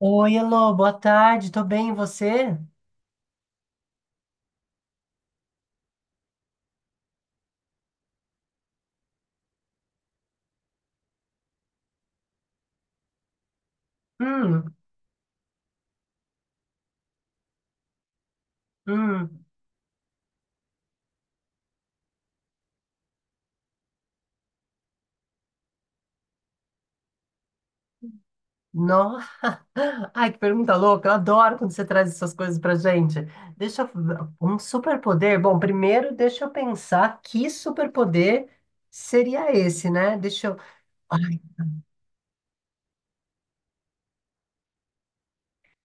Oi, Elô, boa tarde, tô bem, e você? Hum, hum, nossa, ai, que pergunta louca, eu adoro quando você traz essas coisas pra gente. Deixa eu, um superpoder, bom, primeiro deixa eu pensar que superpoder seria esse, né? Deixa eu, ai,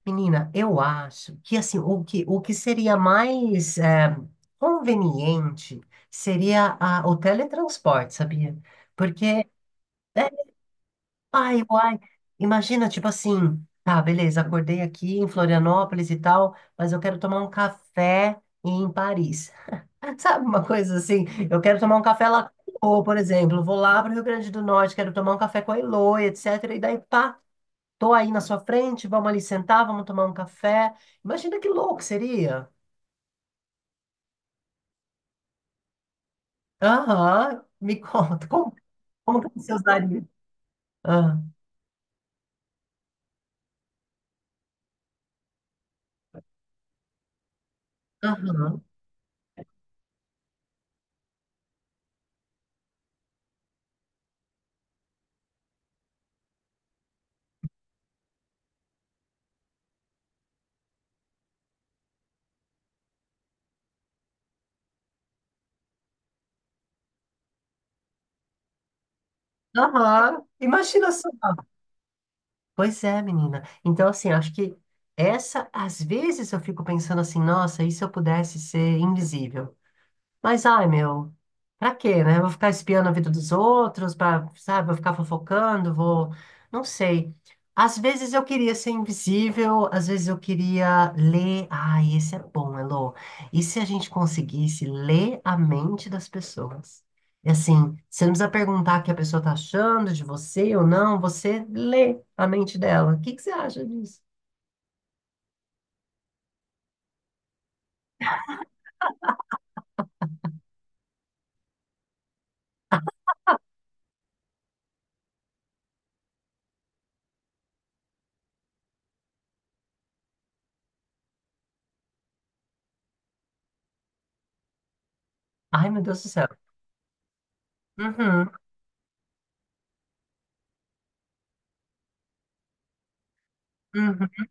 menina, eu acho que assim, o que seria mais conveniente seria o teletransporte, sabia? Porque ai, uai. Imagina, tipo assim, tá, beleza, acordei aqui em Florianópolis e tal, mas eu quero tomar um café em Paris. Sabe uma coisa assim? Eu quero tomar um café lá com a Elô, por exemplo. Vou lá pro Rio Grande do Norte, quero tomar um café com a Elô, etc. E daí, pá, tô aí na sua frente, vamos ali sentar, vamos tomar um café. Imagina que louco seria. Aham, me conta, como que você usaria? Ah, aham, aham, imagina só. Pois é, menina. Então, assim, acho que essa, às vezes eu fico pensando assim, nossa, e se eu pudesse ser invisível? Mas, ai, meu, pra quê, né? Vou ficar espiando a vida dos outros, pra, sabe? Vou ficar fofocando, vou. Não sei. Às vezes eu queria ser invisível, às vezes eu queria ler. Ai, esse é bom, Elô. E se a gente conseguisse ler a mente das pessoas? E assim, você não precisa perguntar o que a pessoa tá achando de você ou não, você lê a mente dela. O que que você acha disso? Ai, meu Deus do céu. Uhum, uhum.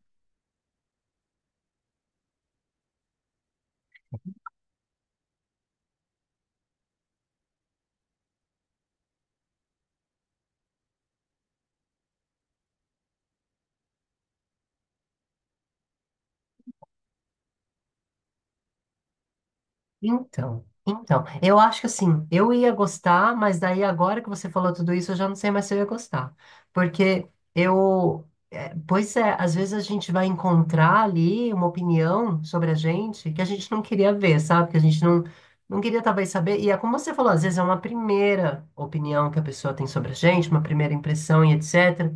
Então, então, eu acho que assim, eu ia gostar, mas daí agora que você falou tudo isso, eu já não sei mais se eu ia gostar. Porque eu, é, pois é, às vezes a gente vai encontrar ali uma opinião sobre a gente que a gente não queria ver, sabe? Que a gente não, não queria talvez saber. E é como você falou, às vezes é uma primeira opinião que a pessoa tem sobre a gente, uma primeira impressão e etc.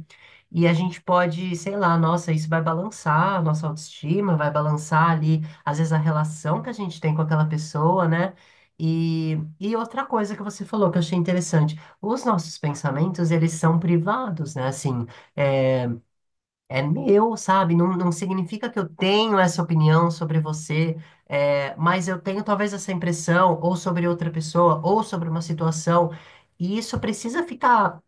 E a gente pode, sei lá, nossa, isso vai balançar a nossa autoestima, vai balançar ali, às vezes, a relação que a gente tem com aquela pessoa, né? E outra coisa que você falou que eu achei interessante, os nossos pensamentos, eles são privados, né? Assim, é é meu, sabe? Não, não significa que eu tenho essa opinião sobre você, é, mas eu tenho talvez essa impressão, ou sobre outra pessoa, ou sobre uma situação, e isso precisa ficar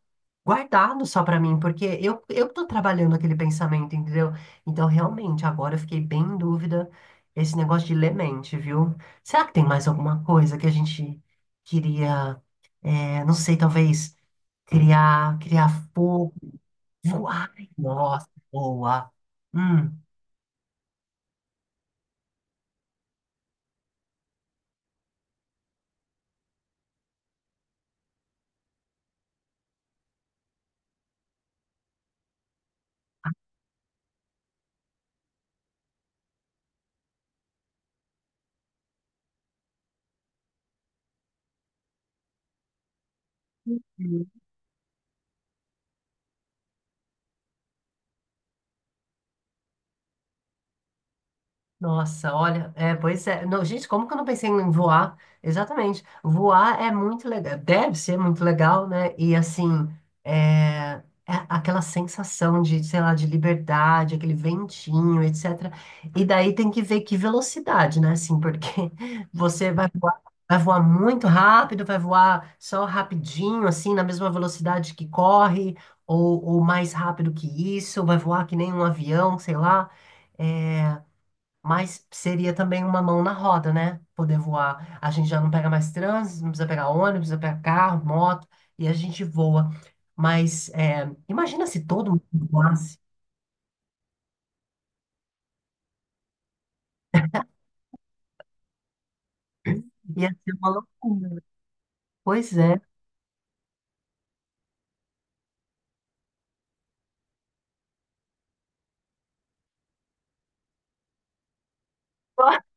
guardado só pra mim, porque eu tô trabalhando aquele pensamento, entendeu? Então, realmente, agora eu fiquei bem em dúvida esse negócio de ler mente, viu? Será que tem mais alguma coisa que a gente queria, é, não sei, talvez criar fogo, voar? Nossa, boa. Hum. Nossa, olha, é, pois é. Não, gente, como que eu não pensei em voar? Exatamente. Voar é muito legal, deve ser muito legal, né? E assim, é, é aquela sensação de, sei lá, de liberdade, aquele ventinho, etc. E daí tem que ver que velocidade, né? Assim, porque você vai voar muito rápido, vai voar só rapidinho, assim, na mesma velocidade que corre, ou mais rápido que isso, vai voar que nem um avião, sei lá. É, mas seria também uma mão na roda, né? Poder voar. A gente já não pega mais trânsito, não precisa pegar ônibus, não precisa pegar carro, moto, e a gente voa. Mas é, imagina se todo mundo voasse, ia ser uma loucura, né? Pois é.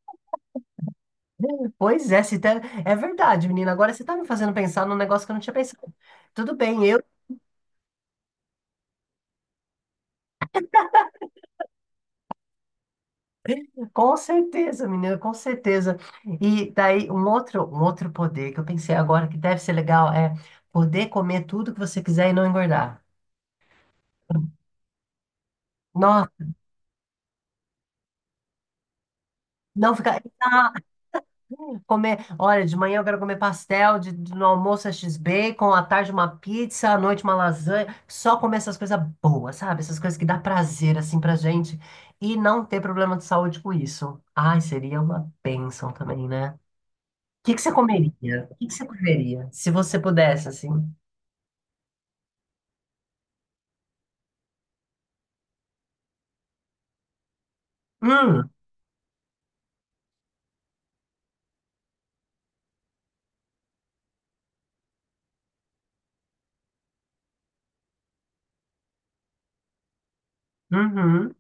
Pois é, se te- é verdade, menina. Agora você tá me fazendo pensar num negócio que eu não tinha pensado. Tudo bem, eu com certeza, menina, com certeza. E daí um outro poder que eu pensei agora que deve ser legal é poder comer tudo que você quiser e não engordar. Não ficar. Ah, comer. Olha, de manhã eu quero comer pastel, no almoço é X-Bacon, à tarde uma pizza, à noite uma lasanha. Só comer essas coisas boas, sabe? Essas coisas que dá prazer, assim, pra gente. E não ter problema de saúde com isso. Ai, seria uma bênção também, né? O que que você comeria? O que que você comeria? Se você pudesse, assim. Hum, uhum.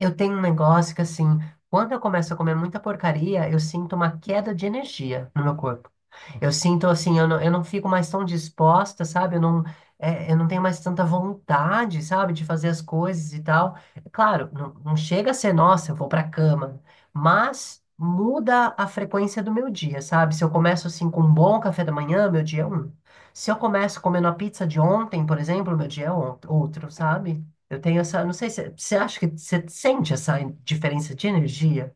Eu tenho um negócio que, assim, quando eu começo a comer muita porcaria, eu sinto uma queda de energia no meu corpo. Eu sinto, assim, eu não fico mais tão disposta, sabe? Eu não, é, eu não tenho mais tanta vontade, sabe, de fazer as coisas e tal. Claro, não chega a ser, nossa, eu vou pra cama, mas muda a frequência do meu dia, sabe? Se eu começo, assim, com um bom café da manhã, meu dia é um. Se eu começo comendo a pizza de ontem, por exemplo, meu dia é outro, sabe? Eu tenho essa. Não sei se você acha que você sente essa diferença de energia.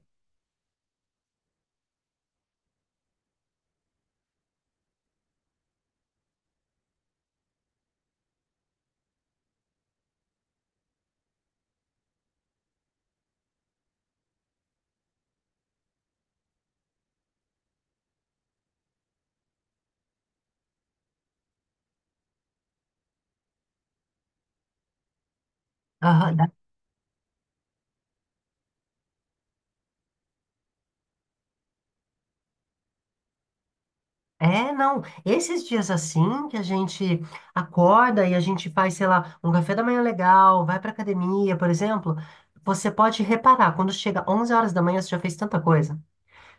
Aham, é, não. Esses dias assim que a gente acorda e a gente faz, sei lá, um café da manhã legal, vai pra academia, por exemplo, você pode reparar, quando chega 11 horas da manhã, você já fez tanta coisa.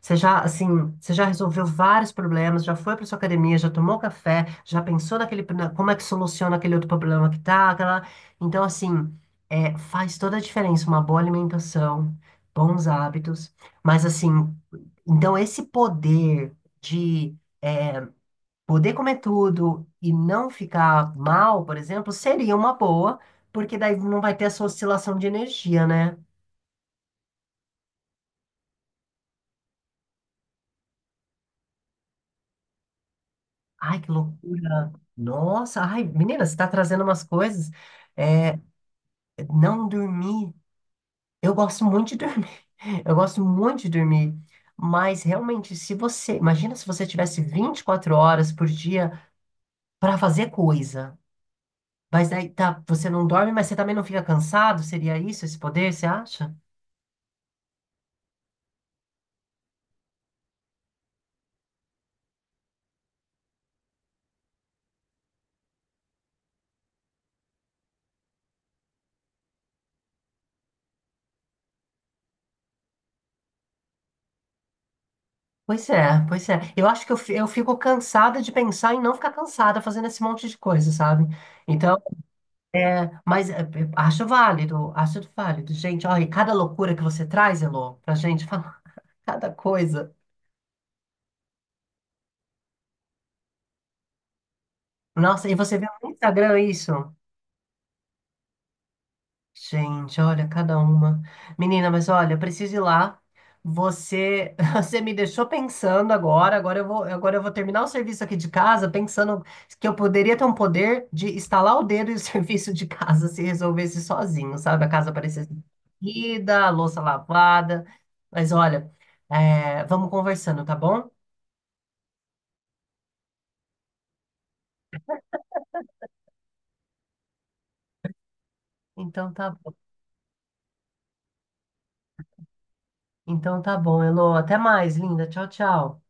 Você já, assim, você já resolveu vários problemas, já foi para sua academia, já tomou café, já pensou naquele, como é que soluciona aquele outro problema que tá, aquela... Então, assim, é, faz toda a diferença uma boa alimentação, bons hábitos, mas, assim, então esse poder de poder comer tudo e não ficar mal, por exemplo, seria uma boa, porque daí não vai ter essa oscilação de energia, né? Ai, que loucura! Nossa, ai, menina, você está trazendo umas coisas. É, não dormir. Eu gosto muito de dormir. Eu gosto muito de dormir. Mas realmente, se você. Imagina se você tivesse 24 horas por dia para fazer coisa. Mas daí tá, você não dorme, mas você também não fica cansado? Seria isso, esse poder, você acha? Pois é, pois é. Eu acho que eu, eu fico cansada de pensar em não ficar cansada fazendo esse monte de coisa, sabe? Então é, mas é, acho válido, acho válido. Gente, olha, e cada loucura que você traz, Elô, pra gente falar cada coisa. Nossa, e você vê no Instagram isso? Gente, olha, cada uma. Menina, mas olha, eu preciso ir lá. Você, você me deixou pensando agora. Agora eu vou terminar o serviço aqui de casa, pensando que eu poderia ter um poder de estalar o dedo e o serviço de casa se resolvesse sozinho, sabe? A casa parecesse ida, a louça lavada. Mas olha, é, vamos conversando, tá bom? Então tá bom. Então tá bom, Elô. Até mais, linda. Tchau, tchau.